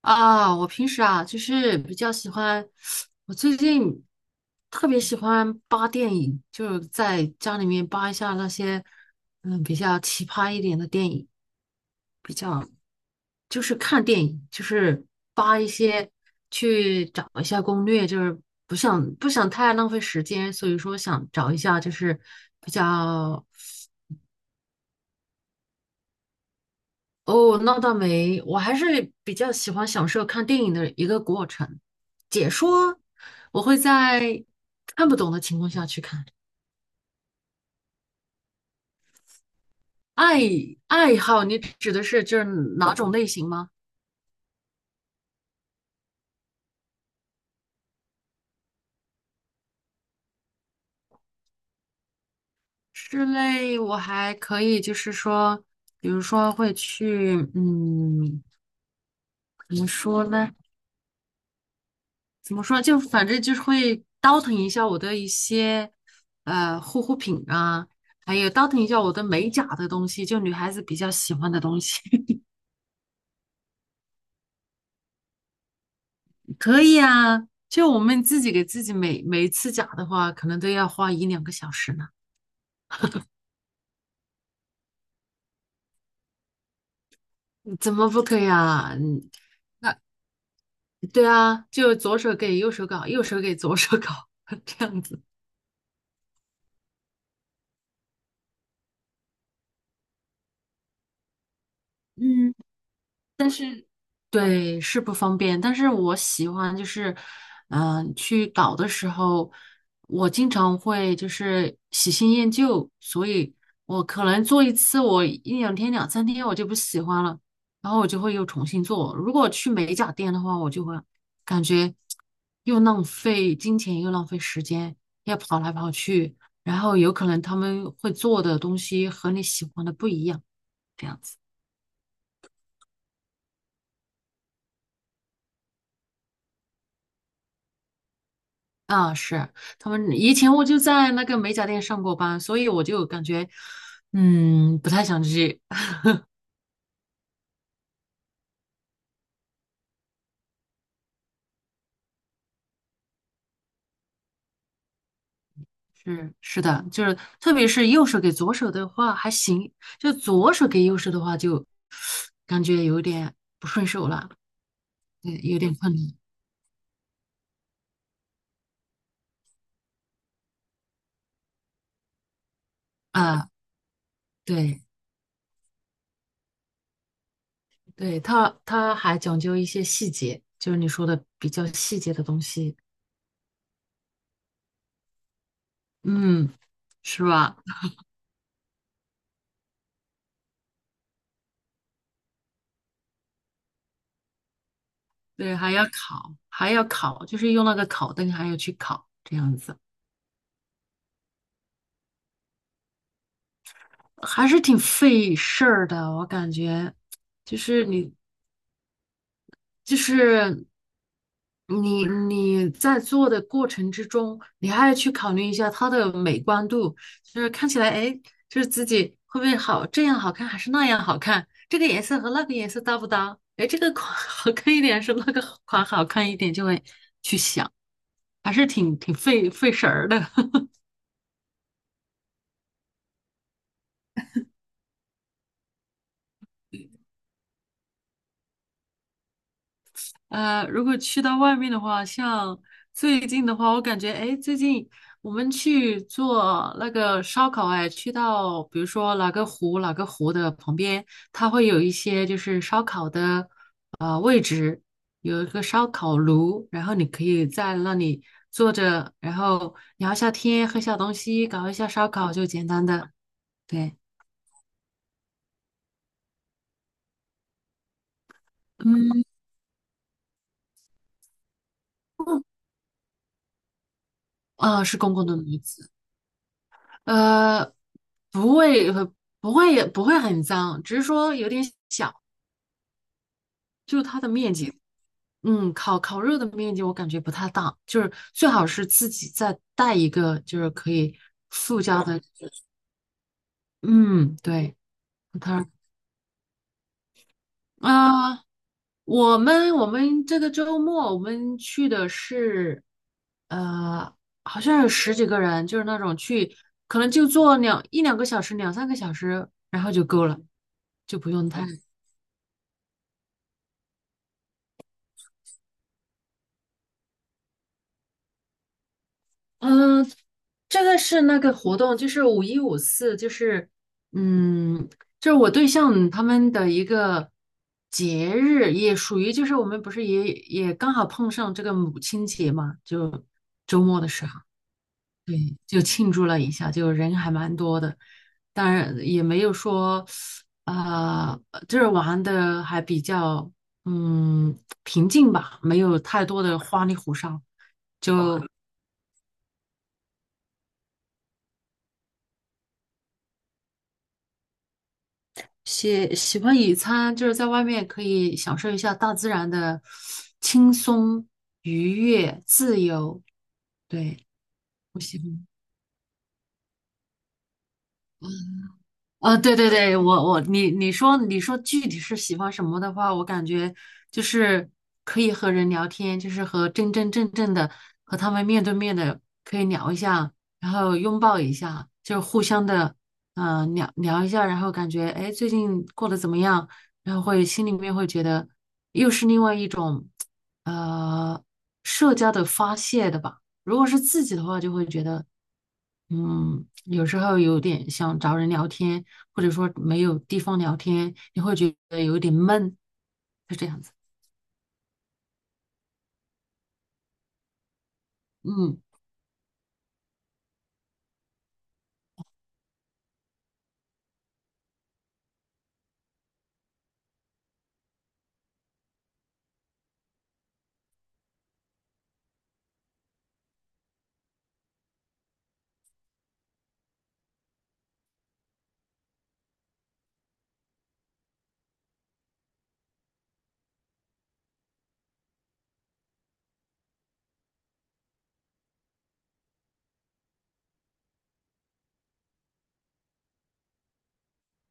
啊，我平时啊，就是比较喜欢，我最近特别喜欢扒电影，就是在家里面扒一下那些，比较奇葩一点的电影，比较就是看电影，就是扒一些，去找一下攻略，就是不想太浪费时间，所以说想找一下就是比较。哦，那倒没，我还是比较喜欢享受看电影的一个过程。解说，我会在看不懂的情况下去看。爱爱好，你指的是就是哪种类型吗？室内我还可以，就是说，比如说会去，怎么说呢？怎么说？就反正就是会倒腾一下我的一些护肤品啊，还有倒腾一下我的美甲的东西，就女孩子比较喜欢的东西。可以啊，就我们自己给自己每一次假的话，可能都要花一两个小时呢。嗯怎么不可以啊？嗯，那对啊，就左手给右手搞，右手给左手搞，这样子。嗯，但是，对，是不方便。但是我喜欢就是，去搞的时候，我经常会就是喜新厌旧，所以我可能做一次，我一两天、两三天我就不喜欢了，然后我就会又重新做。如果去美甲店的话，我就会感觉又浪费金钱，又浪费时间，要跑来跑去，然后有可能他们会做的东西和你喜欢的不一样，这样子。啊，是。他们以前我就在那个美甲店上过班，所以我就感觉，不太想去。是的，就是特别是右手给左手的话还行，就左手给右手的话就感觉有点不顺手了，对，有点困难啊。对对，他还讲究一些细节，就是你说的比较细节的东西，嗯，是吧？对，还要烤，还要烤，就是用那个烤灯，还要去烤这样子。还是挺费事儿的，我感觉，就是你，就是你，你在做的过程之中，你还要去考虑一下它的美观度，就是看起来，哎，就是自己会不会好，这样好看还是那样好看，这个颜色和那个颜色搭不搭？哎，这个款 好看一点是那个款好看一点，就会去想，还是挺费神儿的。如果去到外面的话，像最近的话，我感觉，哎，最近我们去做那个烧烤，哎，去到比如说哪个湖，哪个湖的旁边，它会有一些就是烧烤的位置，有一个烧烤炉，然后你可以在那里坐着，然后聊一下天，喝下东西，搞一下烧烤，就简单的，对，嗯，啊，是公共的名字。呃，不会，不会，不会很脏，只是说有点小，就是它的面积，烤肉的面积我感觉不太大，就是最好是自己再带一个，就是可以附加的，嗯，对，它啊、呃我们这个周末我们去的是，呃，好像有十几个人，就是那种去，可能就坐一两个小时，两三个小时，然后就够了，就不用太。嗯，这个是那个活动，就是五一五四，嗯，就是我对象他们的一个节日，也属于就是我们不是也刚好碰上这个母亲节嘛，就周末的时候，对，就庆祝了一下，就人还蛮多的，当然也没有说就是玩的还比较嗯平静吧，没有太多的花里胡哨，啊就。喜欢野餐，就是在外面可以享受一下大自然的轻松、愉悦、自由。对，我喜欢。对对对，我我你你说你说具体是喜欢什么的话，我感觉就是可以和人聊天，就是和真真正正的和他们面对面的可以聊一下，然后拥抱一下，就是互相的聊聊一下，然后感觉哎诶最近过得怎么样，然后会心里面会觉得又是另外一种呃社交的发泄的吧。如果是自己的话，就会觉得。嗯，有时候有点想找人聊天，或者说没有地方聊天，你会觉得有点闷，是这样子。嗯，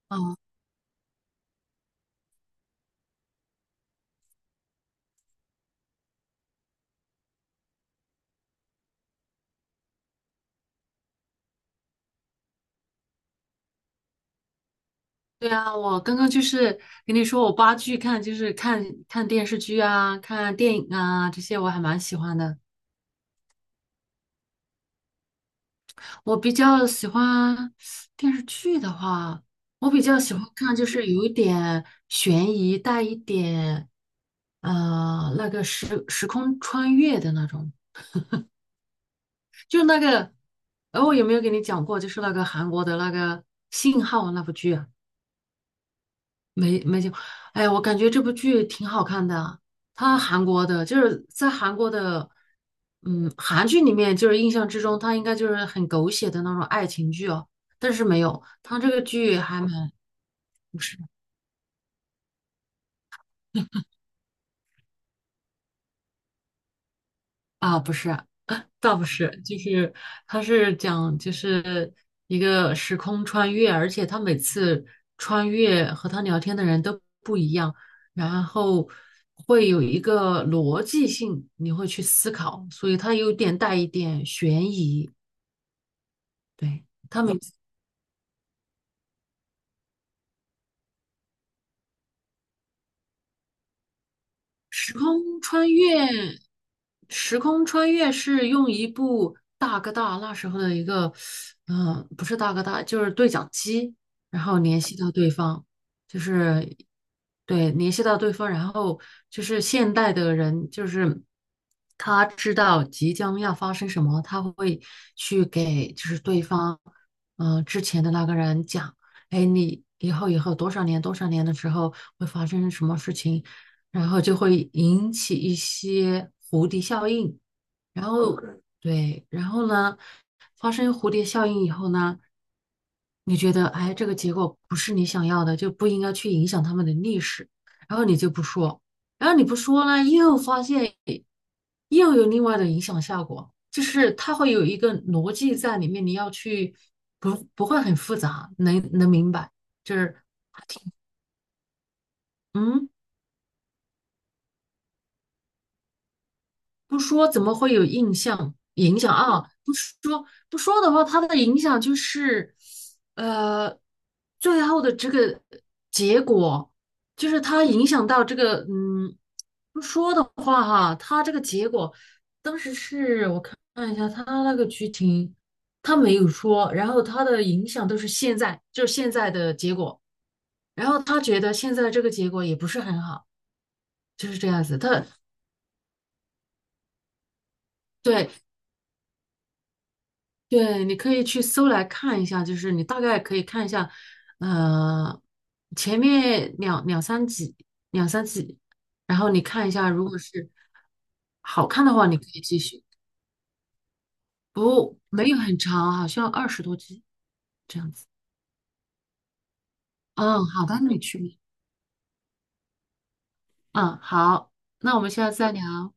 哦，对啊，我刚刚就是跟你说，我八剧看就是看看电视剧啊，看电影啊，这些我还蛮喜欢的。我比较喜欢电视剧的话，我比较喜欢看就是有一点悬疑，带一点那个时空穿越的那种。就那个，我有没有给你讲过？就是那个韩国的那个信号那部剧啊，没讲。哎呀，我感觉这部剧挺好看的啊，它韩国的，就是在韩国的，韩剧里面，就是印象之中，它应该就是很狗血的那种爱情剧哦，但是没有，它这个剧还蛮，不是啊，不是，倒不是，就是他是讲就是一个时空穿越，而且他每次穿越和他聊天的人都不一样，然后会有一个逻辑性，你会去思考，所以他有点带一点悬疑。对，他每时空穿越，时空穿越是用一部大哥大那时候的一个，不是大哥大，就是对讲机，然后联系到对方，就是对联系到对方，然后就是现代的人，就是他知道即将要发生什么，他会去给就是对方，之前的那个人讲，哎，你以后多少年多少年的时候会发生什么事情。然后就会引起一些蝴蝶效应，然后 OK，对，然后呢，发生蝴蝶效应以后呢，你觉得哎，这个结果不是你想要的，就不应该去影响他们的历史，然后你就不说，然后你不说呢，又发现又有另外的影响效果，就是它会有一个逻辑在里面，你要去不不会很复杂，能明白，就是嗯。不说怎么会有影响啊？不说的话，它的影响就是，呃，最后的这个结果，就是它影响到这个，不说的话哈，它这个结果，当时是我看了一下它那个剧情，它没有说，然后它的影响都是现在，就是现在的结果。然后他觉得现在这个结果也不是很好，就是这样子。对对，你可以去搜来看一下，就是你大概可以看一下，呃，前面两三集，然后你看一下，如果是好看的话，你可以继续。不，没有很长，好像二十多集这样子。嗯，好的，你去吧。嗯，好，那我们下次再聊。